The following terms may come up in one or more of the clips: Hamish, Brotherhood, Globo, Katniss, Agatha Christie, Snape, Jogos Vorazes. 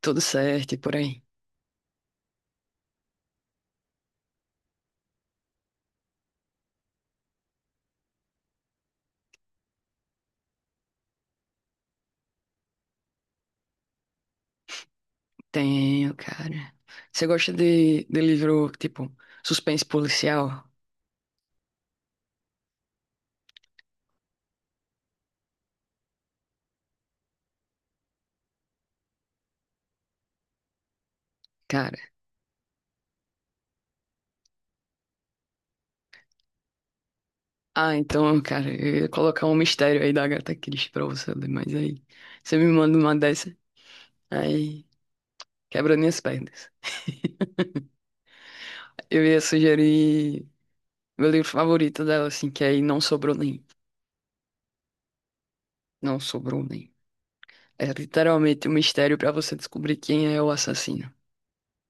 Tudo certo e por aí. Tenho, cara. Você gosta de livro, tipo, suspense policial? Cara. Ah, então, cara, eu ia colocar um mistério aí da Agatha Christie pra você ler, mas aí você me manda uma dessa, aí quebra minhas pernas. Eu ia sugerir meu livro favorito dela, assim, que é aí não sobrou nem. Não sobrou nem. É literalmente um mistério pra você descobrir quem é o assassino,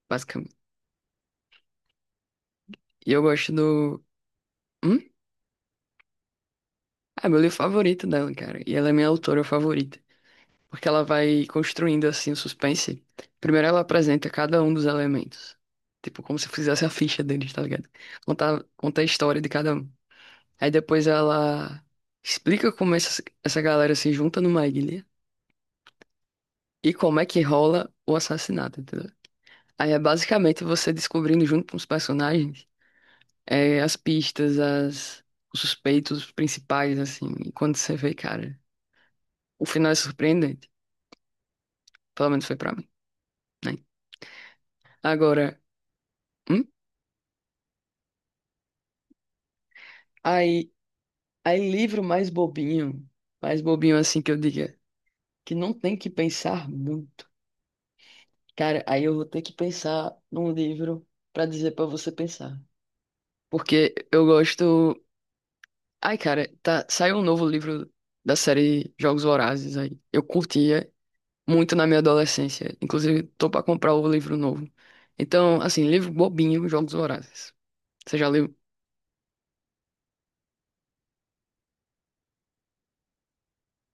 basicamente. E eu gosto do. Hum? Ah, meu livro favorito dela, cara. E ela é minha autora favorita. Porque ela vai construindo, assim, o suspense. Primeiro ela apresenta cada um dos elementos. Tipo, como se fizesse a ficha deles, tá ligado? Conta, conta a história de cada um. Aí depois ela explica como essa galera se junta numa ilha e como é que rola o assassinato, entendeu? Aí é basicamente você descobrindo junto com os personagens, as pistas, os suspeitos principais, assim. E quando você vê, cara, o final é surpreendente. Pelo menos foi pra mim, né? Agora, hum? Aí, aí livro mais bobinho assim que eu diga, que não tem que pensar muito. Cara, aí eu vou ter que pensar num livro pra dizer pra você pensar. Porque eu gosto. Ai, cara, tá, saiu um novo livro da série Jogos Vorazes aí. Eu curtia muito na minha adolescência. Inclusive, tô pra comprar o livro novo. Então, assim, livro bobinho, Jogos Vorazes. Você já leu?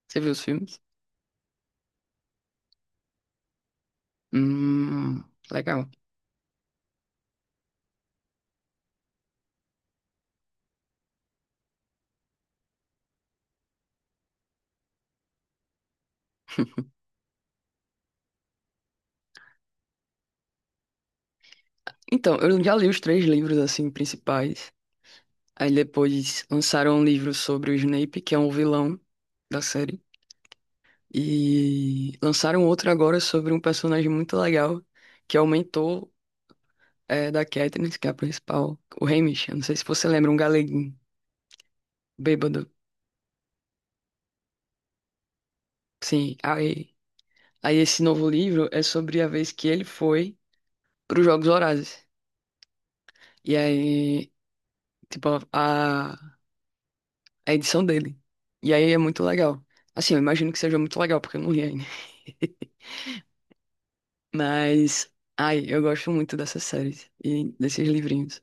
Você viu os filmes? Hum, legal. Então, eu já li os três livros, assim, principais. Aí depois lançaram um livro sobre o Snape, que é um vilão da série. E lançaram outro agora sobre um personagem muito legal, que é o mentor, da Katniss, que é a principal, o Hamish. Eu não sei se você lembra, um galeguinho bêbado. Sim, aí esse novo livro é sobre a vez que ele foi para os Jogos Vorazes. E aí, tipo, é a edição dele. E aí é muito legal. Assim, eu imagino que seja muito legal, porque eu não li ainda. Mas, ai, eu gosto muito dessas séries e desses livrinhos.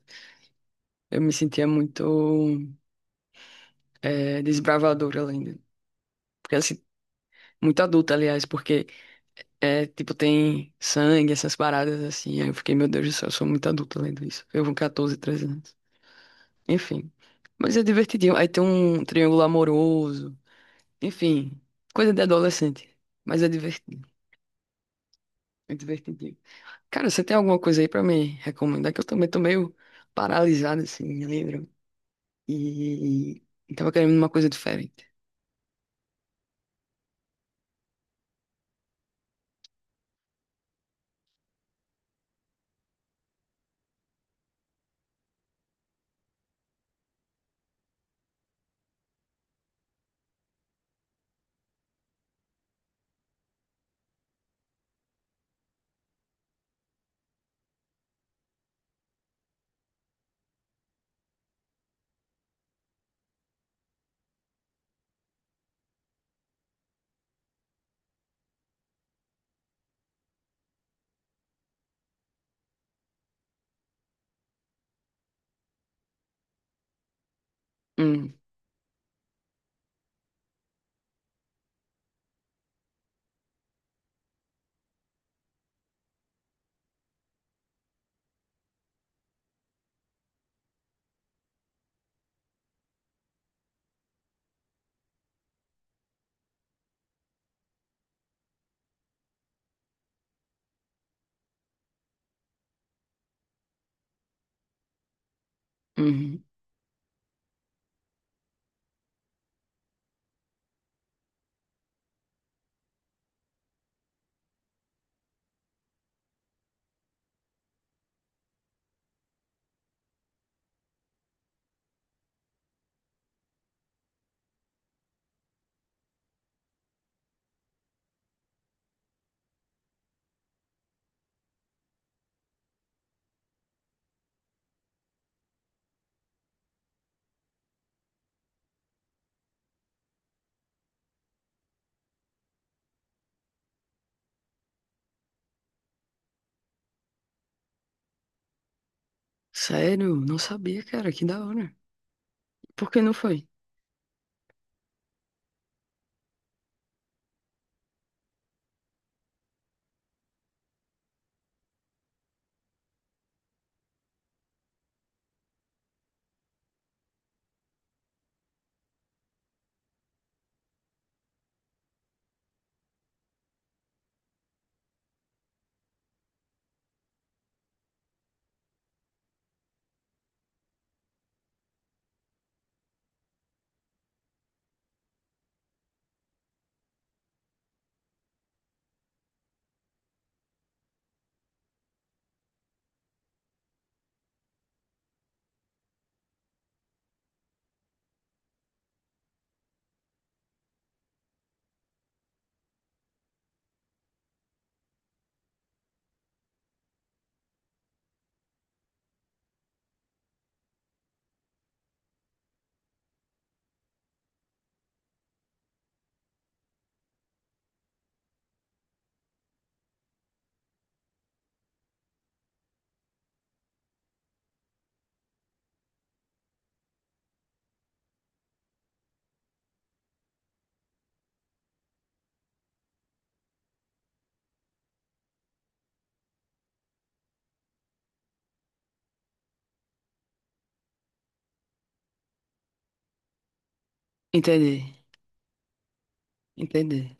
Eu me sentia muito desbravadora lendo. Porque, assim, muito adulta, aliás, porque, tipo, tem sangue, essas paradas, assim. Aí eu fiquei, meu Deus do céu, eu sou muito adulta lendo isso. Eu com 14, 13 anos. Enfim. Mas é divertidinho. Aí tem um triângulo amoroso. Enfim, coisa de adolescente. Mas é divertido. É divertidinho. Cara, você tem alguma coisa aí pra me recomendar? Que eu também tô meio paralisado, assim, me lembro. E, e tava querendo uma coisa diferente. Hum, uhum. Sério? Não sabia, cara. Que da hora. Por que não foi? Entendi. Entendi.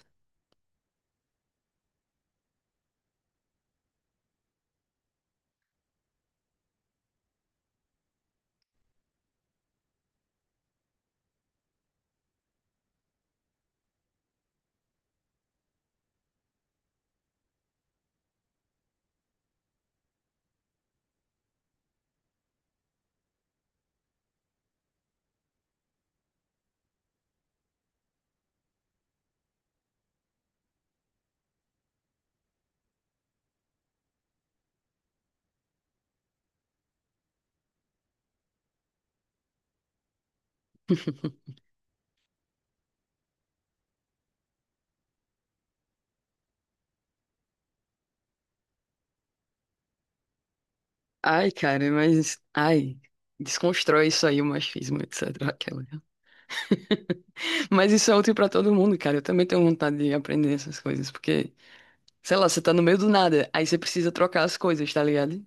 Ai, cara, mas... Ai, desconstrói isso aí, o machismo, etc. Aquela. Mas isso é útil pra todo mundo, cara. Eu também tenho vontade de aprender essas coisas, porque, sei lá, você tá no meio do nada, aí você precisa trocar as coisas, tá ligado?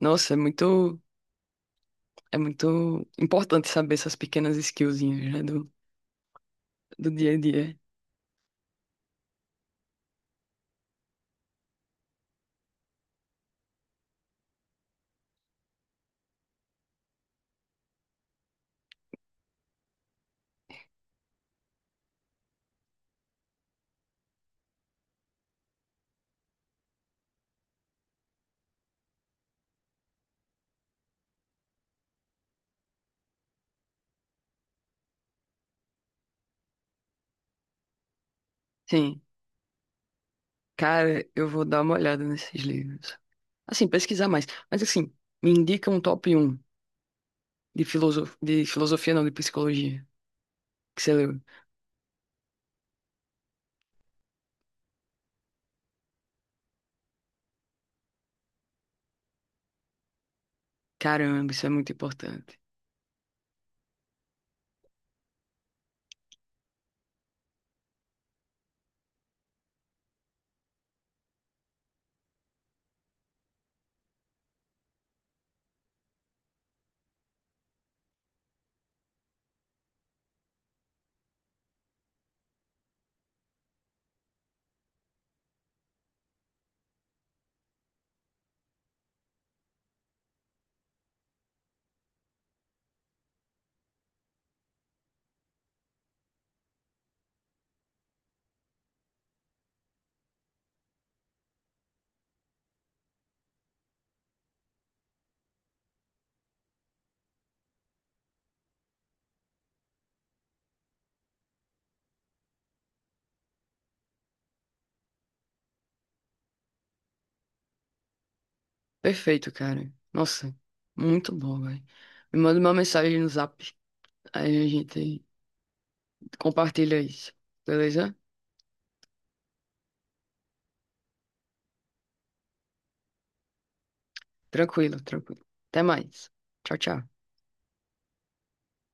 Nossa, é muito. É muito importante saber essas pequenas skillzinhas, né, do, dia a dia. Sim, cara, eu vou dar uma olhada nesses livros. Assim, pesquisar mais. Mas assim, me indica um top um de filosof... de filosofia, não, de psicologia, que você leu. Caramba, isso é muito importante. Perfeito, cara. Nossa, muito bom, velho. Me manda uma mensagem no Zap, aí a gente compartilha isso, beleza? Tranquilo, tranquilo. Até mais. Tchau, tchau.